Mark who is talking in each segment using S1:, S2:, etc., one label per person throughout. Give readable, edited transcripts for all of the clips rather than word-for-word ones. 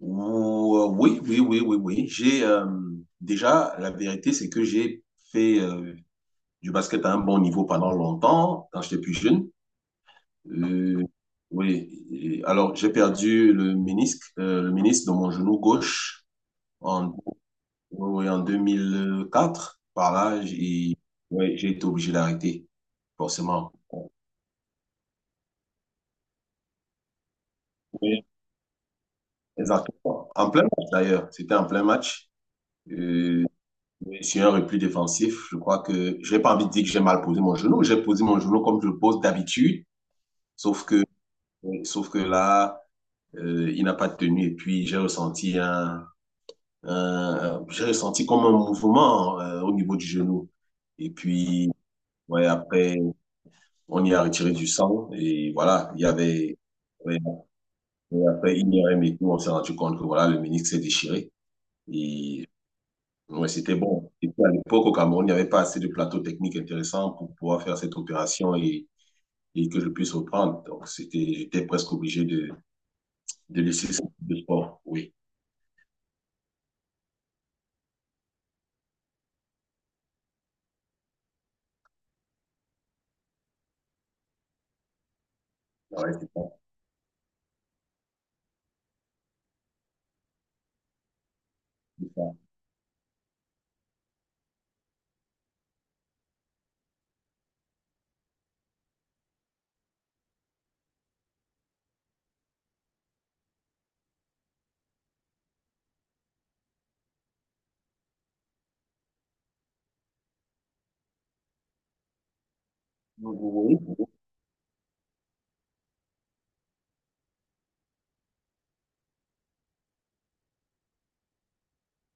S1: Oui, oui, oui, oui, oui. J'ai déjà, la vérité, c'est que j'ai fait du basket à un bon niveau pendant longtemps, quand j'étais plus jeune. Euh, oui. Et alors, j'ai perdu le ménisque de mon genou gauche en, oui, oui, en 2004. Par là, j'ai oui, j'ai été obligé d'arrêter, forcément. Oui, exactement. En plein match, d'ailleurs. C'était en plein match. Euh, Blessure et plus défensif. Je crois que j'ai pas envie de dire que j'ai mal posé mon genou. J'ai posé mon genou comme je le pose d'habitude, sauf que sauf que là, il n'a pas tenu et puis j'ai ressenti j'ai ressenti comme un mouvement au niveau du genou. Et puis ouais, après on y a retiré du sang et voilà, il y avait ouais, et après IRM et tout, on s'est rendu compte que voilà le ménisque s'est déchiré et ouais, c'était bon. Et puis à l'époque, au Cameroun, il n'y avait pas assez de plateaux techniques intéressants pour pouvoir faire cette opération et que je puisse reprendre. Donc, j'étais presque obligé de laisser ce type de sport. Oui, ouais, c'est ça. Oui, oui.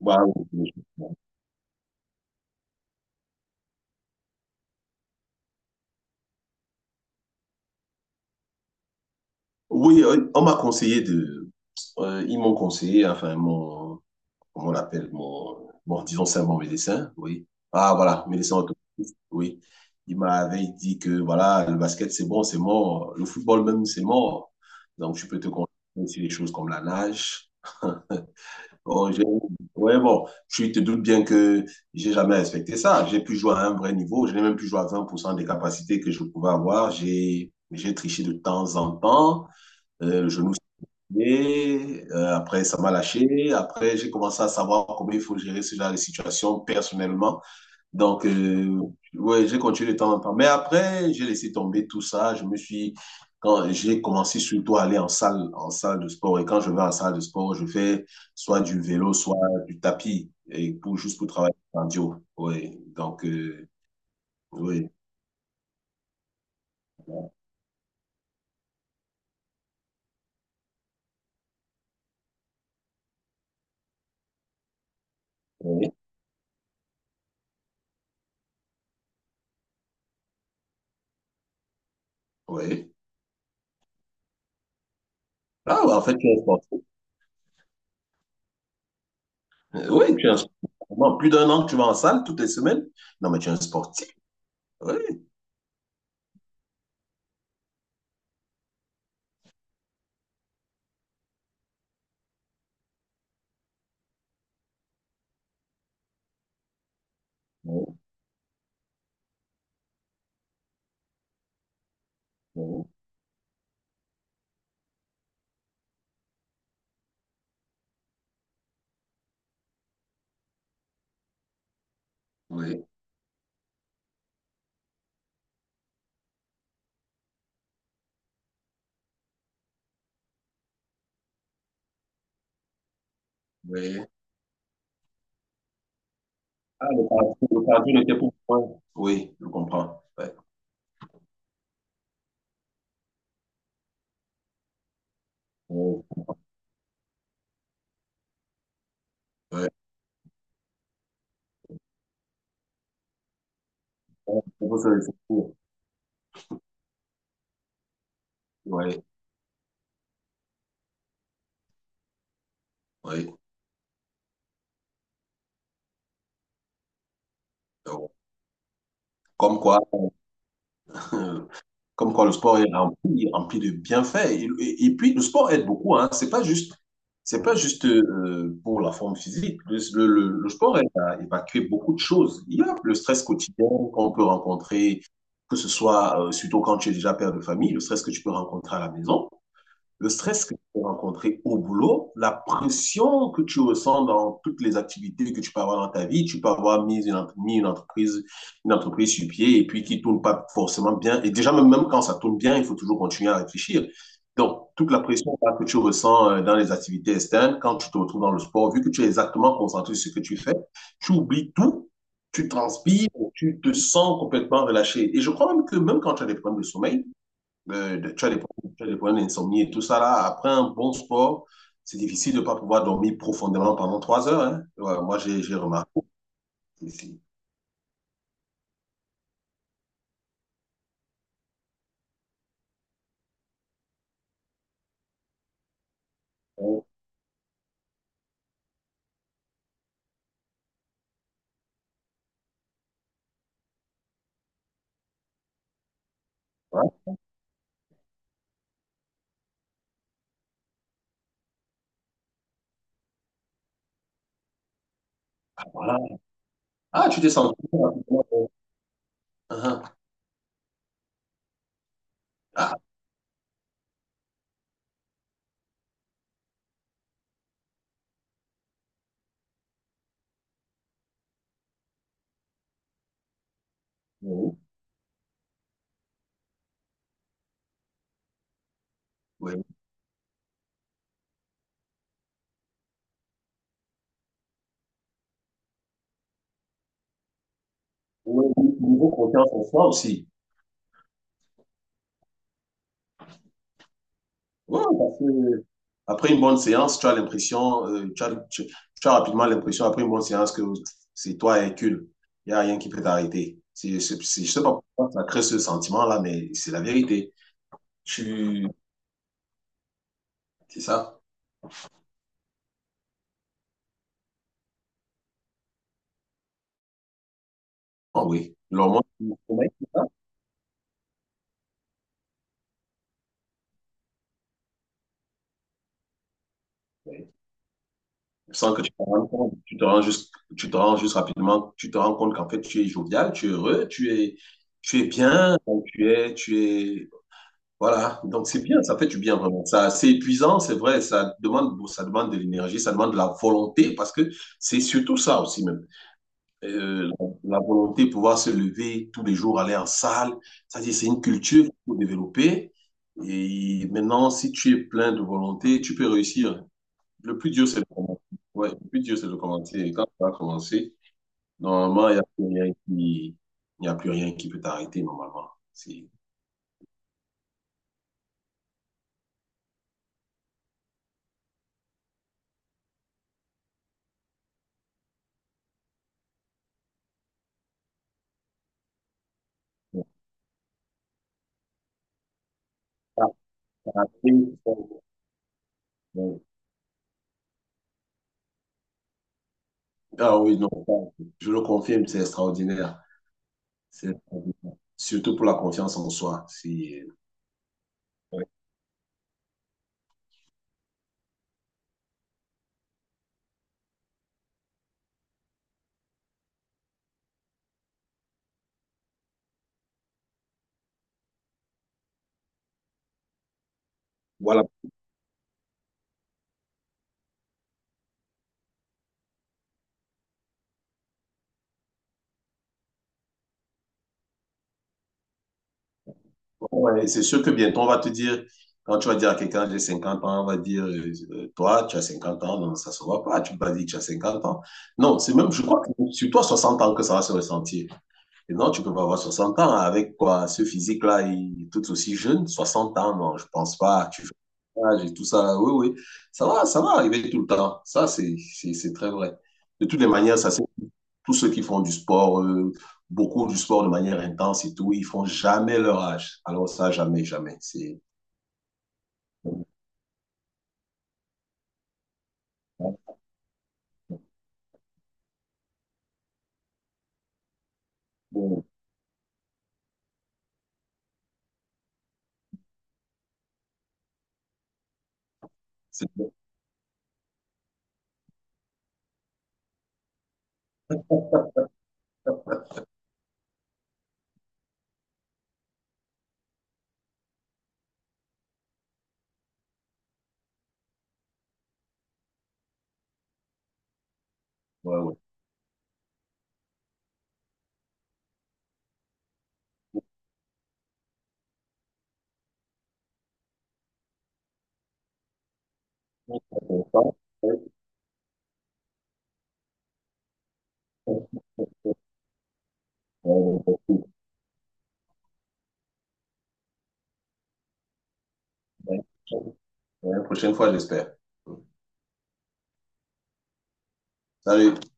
S1: Bah, oui, oui. Oui, on m'a conseillé de. Ils m'ont conseillé, enfin, mon, comment on l'appelle, mon, bon, disons c'est un bon médecin, oui. Ah, voilà, médecin orthopédiste, oui. Il m'avait dit que, voilà, le basket, c'est bon, c'est mort. Le football même, c'est mort. Donc, tu peux te concentrer sur des choses comme la nage. Bon, ouais, bon, tu te doutes bien que j'ai jamais respecté ça. J'ai pu jouer à un vrai niveau. Je n'ai même plus joué à 20% des capacités que je pouvais avoir. J'ai triché de temps en temps. Le genou et après, ça m'a lâché. Après, j'ai commencé à savoir comment il faut gérer ce genre de situation personnellement. Donc, ouais, j'ai continué de temps en temps. Mais après, j'ai laissé tomber tout ça. Quand j'ai commencé surtout à aller en salle de sport. Et quand je vais en salle de sport, je fais soit du vélo, soit du tapis, et pour, juste pour travailler le cardio. Ouais, donc, oui, oui. Oui. Ah, ouais, en fait, je suis sportif. Oui, tu es un sportif. Pendant plus d'un an que tu vas en salle toutes les semaines. Non, mais tu es un sportif. Oui, oui, oui, oui, oui. Ah, le cardio n'était pour moi. Oui, je comprends. Ouais. Oui, oui. On peut se laisser pour. Oui, oui. Donc, comme quoi, comme quoi, le sport est rempli de bienfaits. Et, et puis, le sport aide beaucoup. Hein. C'est pas juste pour la forme physique. Le sport aide à évacuer beaucoup de choses. Il y a le stress quotidien qu'on peut rencontrer, que ce soit surtout quand tu es déjà père de famille, le stress que tu peux rencontrer à la maison. Le stress que tu peux rencontrer au boulot, la pression que tu ressens dans toutes les activités que tu peux avoir dans ta vie, tu peux avoir mis une entreprise sur pied et puis qui tourne pas forcément bien. Et déjà, même quand ça tourne bien, il faut toujours continuer à réfléchir. Donc, toute la pression que tu ressens dans les activités externes, quand tu te retrouves dans le sport, vu que tu es exactement concentré sur ce que tu fais, tu oublies tout, tu transpires, tu te sens complètement relâché. Et je crois même que même quand tu as des problèmes de sommeil, tu as des problèmes, tu as des problèmes d'insomnie et tout ça là. Après un bon sport, c'est difficile de ne pas pouvoir dormir profondément pendant 3 heures. Hein. Ouais, moi, j'ai remarqué ici. Ouais, voilà. Ah, tu t'es senti. Ah, ah, oui, oui. Oui, niveau confiance en soi aussi. Ouais, parce que après une bonne séance, tu as rapidement l'impression, après une bonne séance, que c'est toi Hercule. Il n'y a rien qui peut t'arrêter. Je ne sais pas pourquoi ça crée ce sentiment-là, mais c'est la vérité. Tu, c'est ça? Ah oui. L'hormone du sommeil, c'est ça? Oui. Sans que tu te rendes compte, tu te rends juste rapidement, tu te rends compte qu'en fait, tu es jovial, tu es heureux, tu es bien, donc tu es, voilà. Donc, c'est bien, ça fait du bien vraiment. Ça, c'est épuisant, c'est vrai, ça demande de l'énergie, ça demande de la volonté parce que c'est surtout ça aussi, même. euh, la, volonté de pouvoir se lever tous les jours, aller en salle. C'est-à-dire, c'est une culture qu'il faut développer. Et maintenant, si tu es plein de volonté, tu peux réussir. Le plus dur, c'est de commencer. Ouais, le plus dur, c'est de commencer. Et quand tu vas commencer, normalement, il n'y a plus rien qui peut t'arrêter, normalement. C'est- ah oui, non, je le confirme, c'est extraordinaire. C'est extraordinaire. Surtout pour la confiance en soi. C'est, ouais. Voilà. Ouais, c'est sûr que bientôt, on va te dire, quand tu vas dire à quelqu'un, j'ai 50 ans, on va dire, toi, tu as 50 ans, non, ça se voit pas, tu peux pas dire que tu as 50 ans. Non, c'est même, je crois que c'est sur toi, 60 ans que ça va se ressentir. Et non, tu peux pas avoir 60 ans avec quoi, ce physique-là, il est tout aussi jeune, 60 ans, non, je pense pas, tu fais l'âge et tout ça, oui, oui, ça va arriver tout le temps. Ça, c'est très vrai. De toutes les manières, ça s'est tous ceux qui font du sport, beaucoup du sport de manière intense et tout, ils font jamais leur âge. Alors ça, jamais, jamais. C'est bon. C'est bon. Ouais, ouais. La prochaine fois, j'espère. Salut.